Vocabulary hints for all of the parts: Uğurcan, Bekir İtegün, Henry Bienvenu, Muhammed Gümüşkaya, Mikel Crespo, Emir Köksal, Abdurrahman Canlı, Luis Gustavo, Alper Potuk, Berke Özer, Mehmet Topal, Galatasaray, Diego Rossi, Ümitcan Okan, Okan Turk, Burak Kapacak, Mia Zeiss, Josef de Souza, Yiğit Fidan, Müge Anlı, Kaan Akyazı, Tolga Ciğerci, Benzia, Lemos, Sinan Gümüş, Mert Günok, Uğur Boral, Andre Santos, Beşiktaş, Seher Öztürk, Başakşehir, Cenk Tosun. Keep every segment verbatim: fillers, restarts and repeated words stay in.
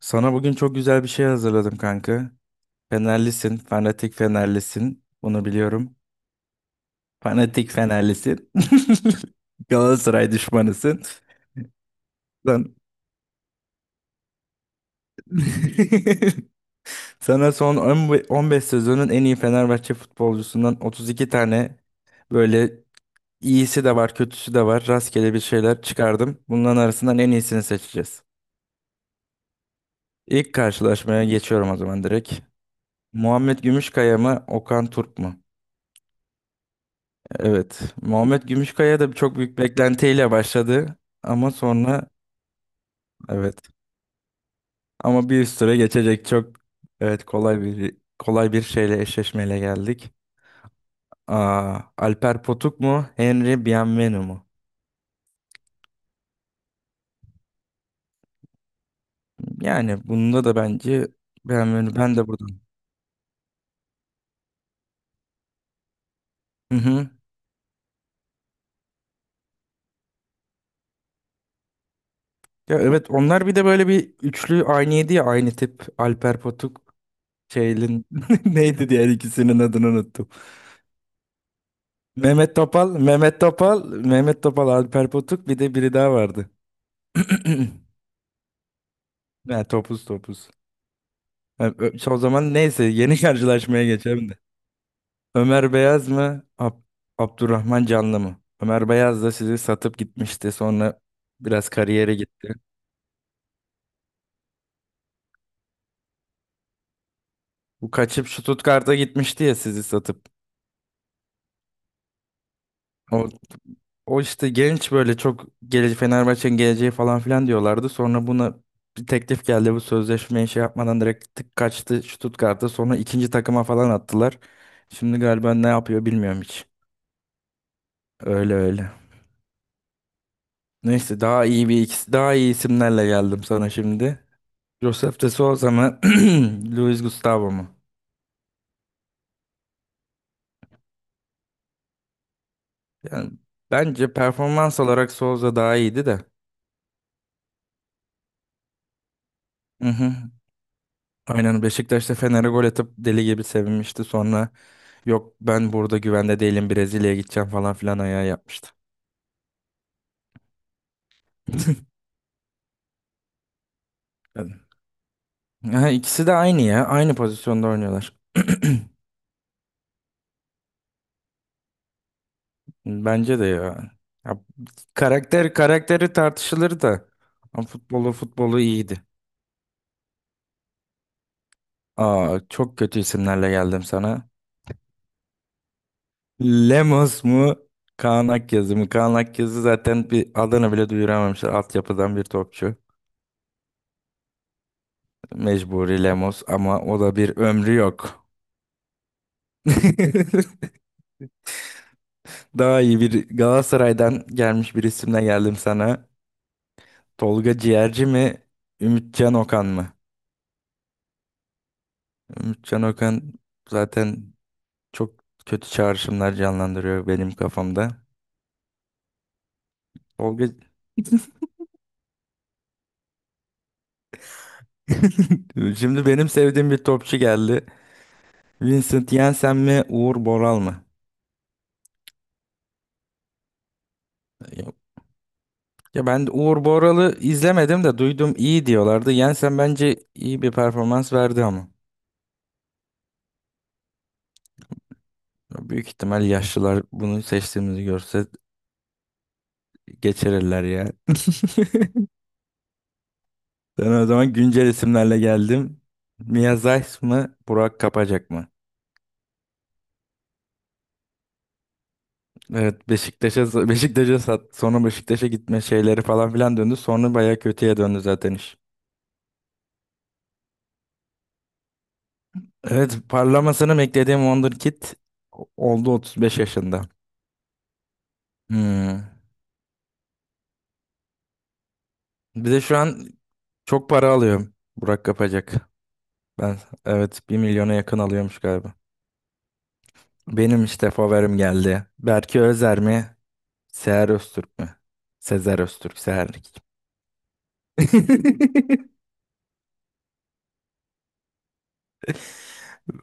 Sana bugün çok güzel bir şey hazırladım kanka. Fenerlisin, fanatik Fenerlisin. Bunu biliyorum. Fanatik Fenerlisin. Galatasaray düşmanısın. Lan. Sana son on beş sezonun en iyi Fenerbahçe futbolcusundan otuz iki tane böyle iyisi de var, kötüsü de var. Rastgele bir şeyler çıkardım. Bunların arasından en iyisini seçeceğiz. İlk karşılaşmaya geçiyorum o zaman direkt. Muhammed Gümüşkaya mı, Okan Turk mu? Evet. Muhammed Gümüşkaya da çok büyük beklentiyle başladı. Ama sonra evet. Ama bir üst tura geçecek çok evet kolay bir kolay bir şeyle eşleşmeyle geldik. Aa, Alper Potuk mu? Henry Bienvenu mu? Yani bunda da bence Bienvenu ben de buradan. Hı hı. Ya evet onlar bir de böyle bir üçlü aynıydı ya aynı tip Alper Potuk şeylin neydi diğer ikisinin adını unuttum. Mehmet Topal, Mehmet Topal, Mehmet Topal, Alper Potuk bir de biri daha vardı. Ha, topuz topuz. Ha, ö- o zaman neyse yeni karşılaşmaya geçelim de. Ömer Beyaz mı? Ab- Abdurrahman Canlı mı? Ömer Beyaz da sizi satıp gitmişti. Sonra biraz kariyere gitti. Bu kaçıp şu Stuttgart'a gitmişti ya sizi satıp. O O işte genç böyle çok geleceği Fenerbahçe'nin geleceği falan filan diyorlardı. Sonra buna bir teklif geldi bu sözleşmeyi şey yapmadan direkt tık kaçtı Stuttgart'a. Sonra ikinci takıma falan attılar. Şimdi galiba ne yapıyor bilmiyorum hiç. Öyle öyle. Neyse daha iyi bir ikisi daha iyi isimlerle geldim sana şimdi. Josef de Souza mı? Luis Gustavo mu? Yani bence performans olarak Souza daha iyiydi de. Hı hı. Aynen Beşiktaş'ta Fener'e gol atıp deli gibi sevinmişti sonra. Yok ben burada güvende değilim Brezilya'ya gideceğim falan filan ayağı yapmıştı. Yani- Ha, ikisi de aynı ya. Aynı pozisyonda oynuyorlar. Bence de ya. Ya, karakter karakteri tartışılır da. Ama futbolu futbolu iyiydi. Aa, çok kötü isimlerle geldim sana. Lemos mu? Kaan Akyazı mı? Kaan Akyazı zaten bir adını bile duyuramamışlar. Altyapıdan bir topçu. Mecburi Lemos ama o da bir ömrü yok. Daha iyi bir Galatasaray'dan gelmiş bir isimle geldim sana. Tolga Ciğerci mi? Ümitcan Okan mı? Ümitcan Okan zaten çok kötü çağrışımlar canlandırıyor benim kafamda. Tolga Şimdi benim sevdiğim bir topçu geldi. Vincent Janssen mi, Uğur Boral mı? Yok. Ya ben Uğur Boral'ı izlemedim de duydum iyi diyorlardı. Janssen bence iyi bir performans verdi ama. Büyük ihtimal yaşlılar bunu seçtiğimizi görse geçirirler ya. Ben o zaman güncel isimlerle geldim. Mia Zeiss mı, Burak Kapacak mı? Evet, Beşiktaş'a Beşiktaş'a sat. Sonra Beşiktaş'a gitme şeyleri falan filan döndü. Sonra bayağı kötüye döndü zaten iş. Evet, parlamasını beklediğim Wonderkid oldu otuz beş yaşında. Hmm. Bir de şu an çok para alıyor Burak Kapacak. Ben evet bir milyona yakın alıyormuş galiba. Benim işte favorim geldi. Berke Özer mi? Seher Öztürk mü? Sezer Öztürk, Seher kim?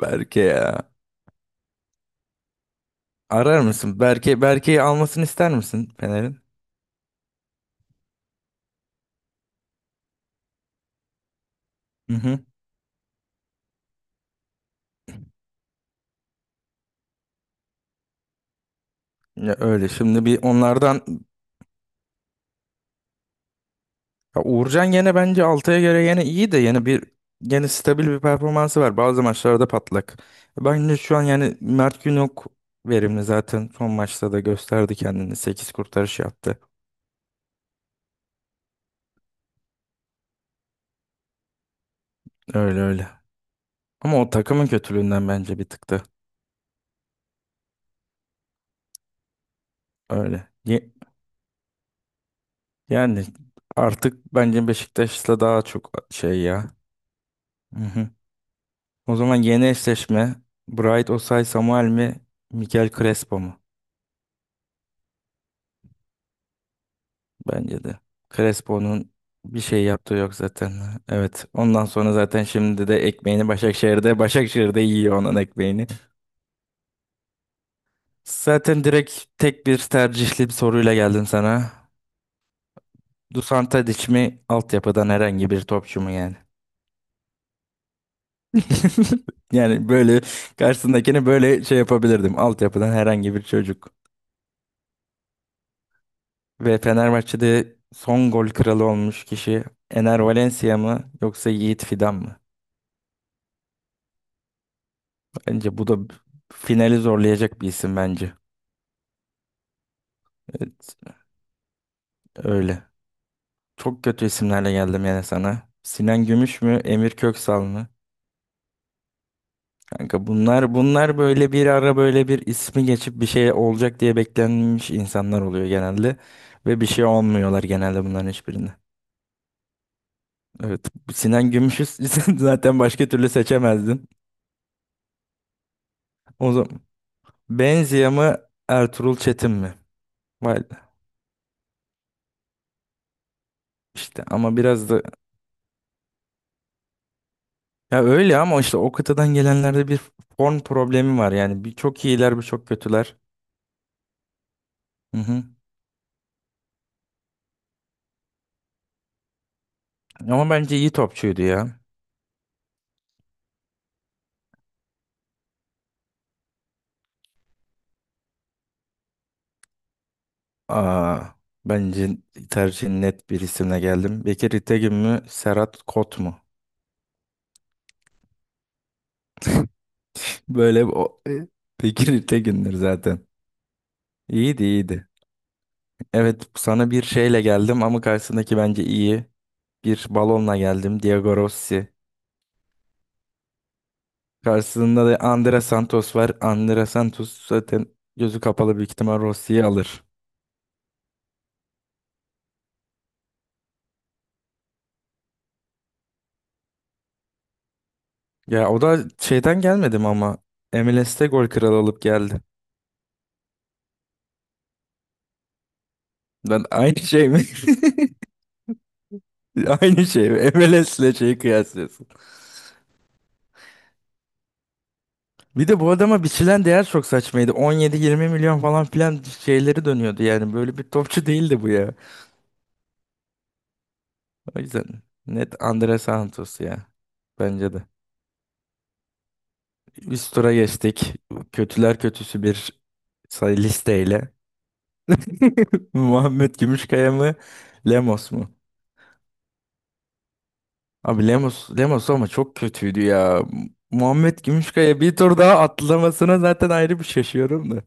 Berke ya. Arar mısın? Berke, Berke'yi almasını ister misin Fener'in? Hı hı. Ya öyle şimdi bir onlardan ya Uğurcan gene bence Altay'a göre yine iyi de yine bir yine stabil bir performansı var. Bazı maçlarda patlak. Bence şu an yani Mert Günok verimli zaten son maçta da gösterdi kendini. Sekiz kurtarış yaptı. Öyle öyle. Ama o takımın kötülüğünden bence bir tıktı. Öyle. Ye- Yani artık bence Beşiktaş'la daha çok şey ya. Hı hı. O zaman yeni eşleşme Bright Osay Samuel mi Mikel Crespo mu? Bence de. Crespo'nun bir şey yaptığı yok zaten. Evet. Ondan sonra zaten şimdi de ekmeğini Başakşehir'de. Başakşehir'de yiyor onun ekmeğini. Zaten direkt tek bir tercihli bir soruyla geldim sana. Dusan Tadic mi altyapıdan herhangi bir topçu mu yani? Yani böyle karşısındakini böyle şey yapabilirdim. Altyapıdan herhangi bir çocuk. Ve Fenerbahçe'de son gol kralı olmuş kişi Ener Valencia mı yoksa Yiğit Fidan mı? Bence bu da finali zorlayacak bir isim bence. Evet, öyle. Çok kötü isimlerle geldim yani sana. Sinan Gümüş mü, Emir Köksal mı? Kanka bunlar bunlar böyle bir ara böyle bir ismi geçip bir şey olacak diye beklenmiş insanlar oluyor genelde ve bir şey olmuyorlar genelde bunların hiçbirinde. Evet. Sinan Gümüş'ü zaten başka türlü seçemezdin. O zaman Benzia mı Ertuğrul Çetin mi? Vay be. İşte ama biraz da ya öyle ama işte o kıtadan gelenlerde bir form problemi var yani bir çok iyiler bir çok kötüler. Hı hı. Ama bence iyi topçuydu ya. Aa, bence tercihin net bir isimle geldim. Bekir İtegün mü Serhat Kot mu? Böyle bir o... e, Bekir İtegün'dür zaten. İyiydi iyiydi. Evet, sana bir şeyle geldim ama karşısındaki bence iyi. Bir balonla geldim. Diego Rossi. Karşısında da Andre Santos var. Andre Santos zaten gözü kapalı büyük ihtimal Rossi'yi alır. Ya o da şeyden gelmedim ama M L S'te gol kralı olup geldi. Ben aynı şey mi? Aynı şey mi? M L S'le şeyi kıyaslıyorsun. Bir de bu adama biçilen değer çok saçmaydı. on yedi yirmi milyon falan filan şeyleri dönüyordu yani. Böyle bir topçu değildi bu ya. O yüzden net Andre Santos ya. Bence de. Üst tura geçtik. Kötüler kötüsü bir say listeyle. Muhammed Gümüşkaya mı? Lemos mu? Abi Lemos, Lemos ama çok kötüydü ya. Muhammed Gümüşkaya bir tur daha atlamasına zaten ayrı bir şaşıyorum da.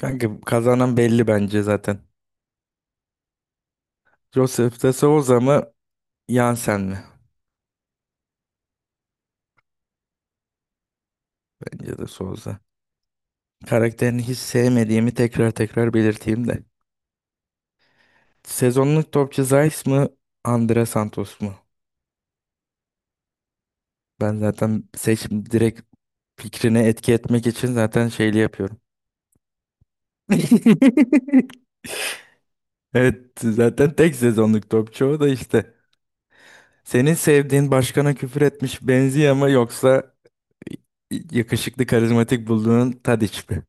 Kanka kazanan belli bence zaten. Joseph de Souza mı? Yansen mi? Bence de Souza. Karakterini hiç sevmediğimi tekrar tekrar belirteyim de. Sezonluk topçu Zeiss mı? Andre Santos mu? Ben zaten seçim direkt fikrine etki etmek için zaten şeyli yapıyorum. Evet zaten tek sezonluk topçu o da işte. Senin sevdiğin başkana küfür etmiş benziyor ama yoksa y- yakışıklı karizmatik bulduğun Tadiç mi?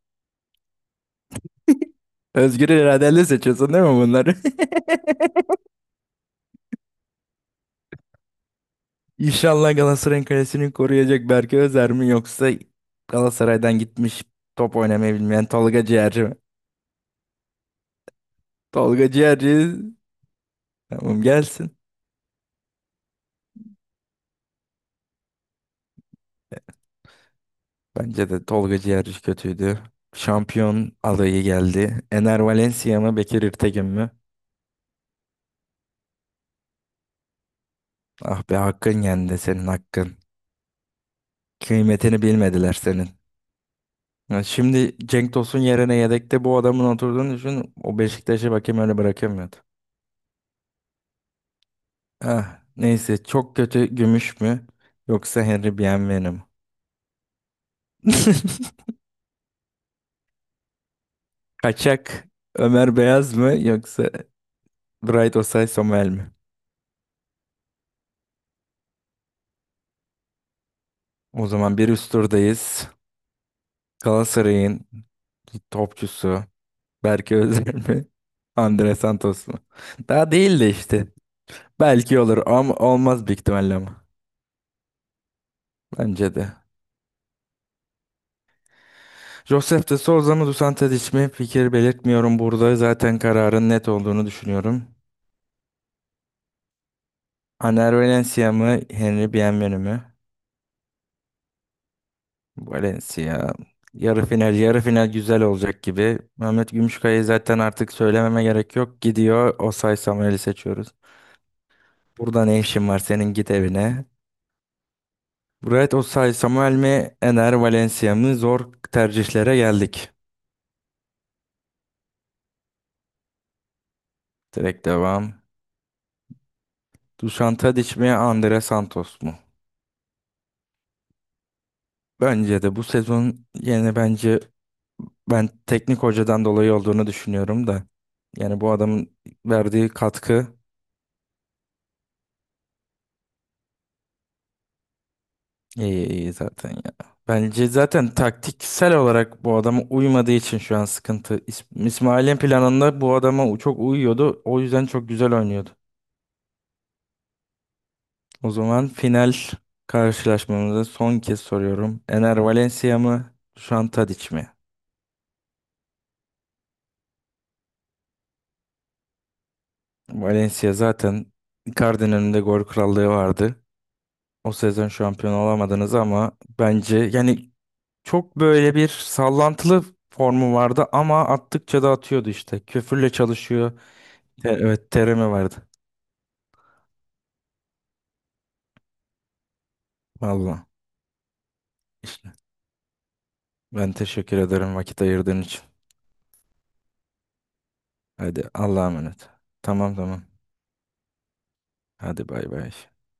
Özgür iradenle seçiyorsun değil mi bunları? İnşallah Galatasaray'ın kalesini koruyacak Berke Özer mi yoksa Galatasaray'dan gitmiş top oynamayı bilmeyen Tolga Ciğerci mi? Tolga Ciğerci tamam gelsin. Bence de Tolga Ciğerci kötüydü. Şampiyon adayı geldi. Ener Valencia mı Bekir İrtegün mü? Ah be hakkın yendi senin hakkın. Kıymetini bilmediler senin. Ya şimdi Cenk Tosun yerine yedekte bu adamın oturduğunu düşün. O Beşiktaş'ı bakayım öyle bırakamıyordu. Ah, neyse çok kötü Gümüş mü? Yoksa Henry Bienvenu mu? Kaçak Ömer Beyaz mı yoksa Bright Osay Somel mi? O zaman bir üst turdayız. Galatasaray'ın topçusu Berke Özer mi? Andre Santos mu? Daha değil de işte. Belki olur ama olmaz büyük ihtimalle ama. Bence de. Josef de Souza mı Dusan Tadic mi? Fikir belirtmiyorum burada. Zaten kararın net olduğunu düşünüyorum. Aner Valencia mı? Henry Bienvenu mu? Valencia. Yarı final, yarı final güzel olacak gibi. Mehmet Gümüşkaya'yı zaten artık söylememe gerek yok. Gidiyor. Osay Samuel'i seçiyoruz. Burada ne işin var senin git evine. Bright Osay, Samuel mi, Ener Valencia mı? Zor tercihlere geldik. Direkt devam. Dušan Tadić mi, Andre Santos mu? Bence de bu sezon yani bence ben teknik hocadan dolayı olduğunu düşünüyorum da. Yani bu adamın verdiği katkı iyi, iyi zaten ya. Bence zaten taktiksel olarak bu adama uymadığı için şu an sıkıntı. İs- İsmail'in planında bu adama çok uyuyordu. O yüzden çok güzel oynuyordu. O zaman final karşılaşmamızı son kez soruyorum. Ener Valencia mı? Dušan Tadić mi? Valencia zaten Icardi'nin önünde gol krallığı vardı. O sezon şampiyon olamadınız ama bence yani çok böyle bir sallantılı formu vardı ama attıkça da atıyordu işte. Köfürle çalışıyor. Te- evet terimi vardı. Vallahi işte. Ben teşekkür ederim vakit ayırdığın için. Hadi Allah'a emanet. Tamam tamam. Hadi bay bay.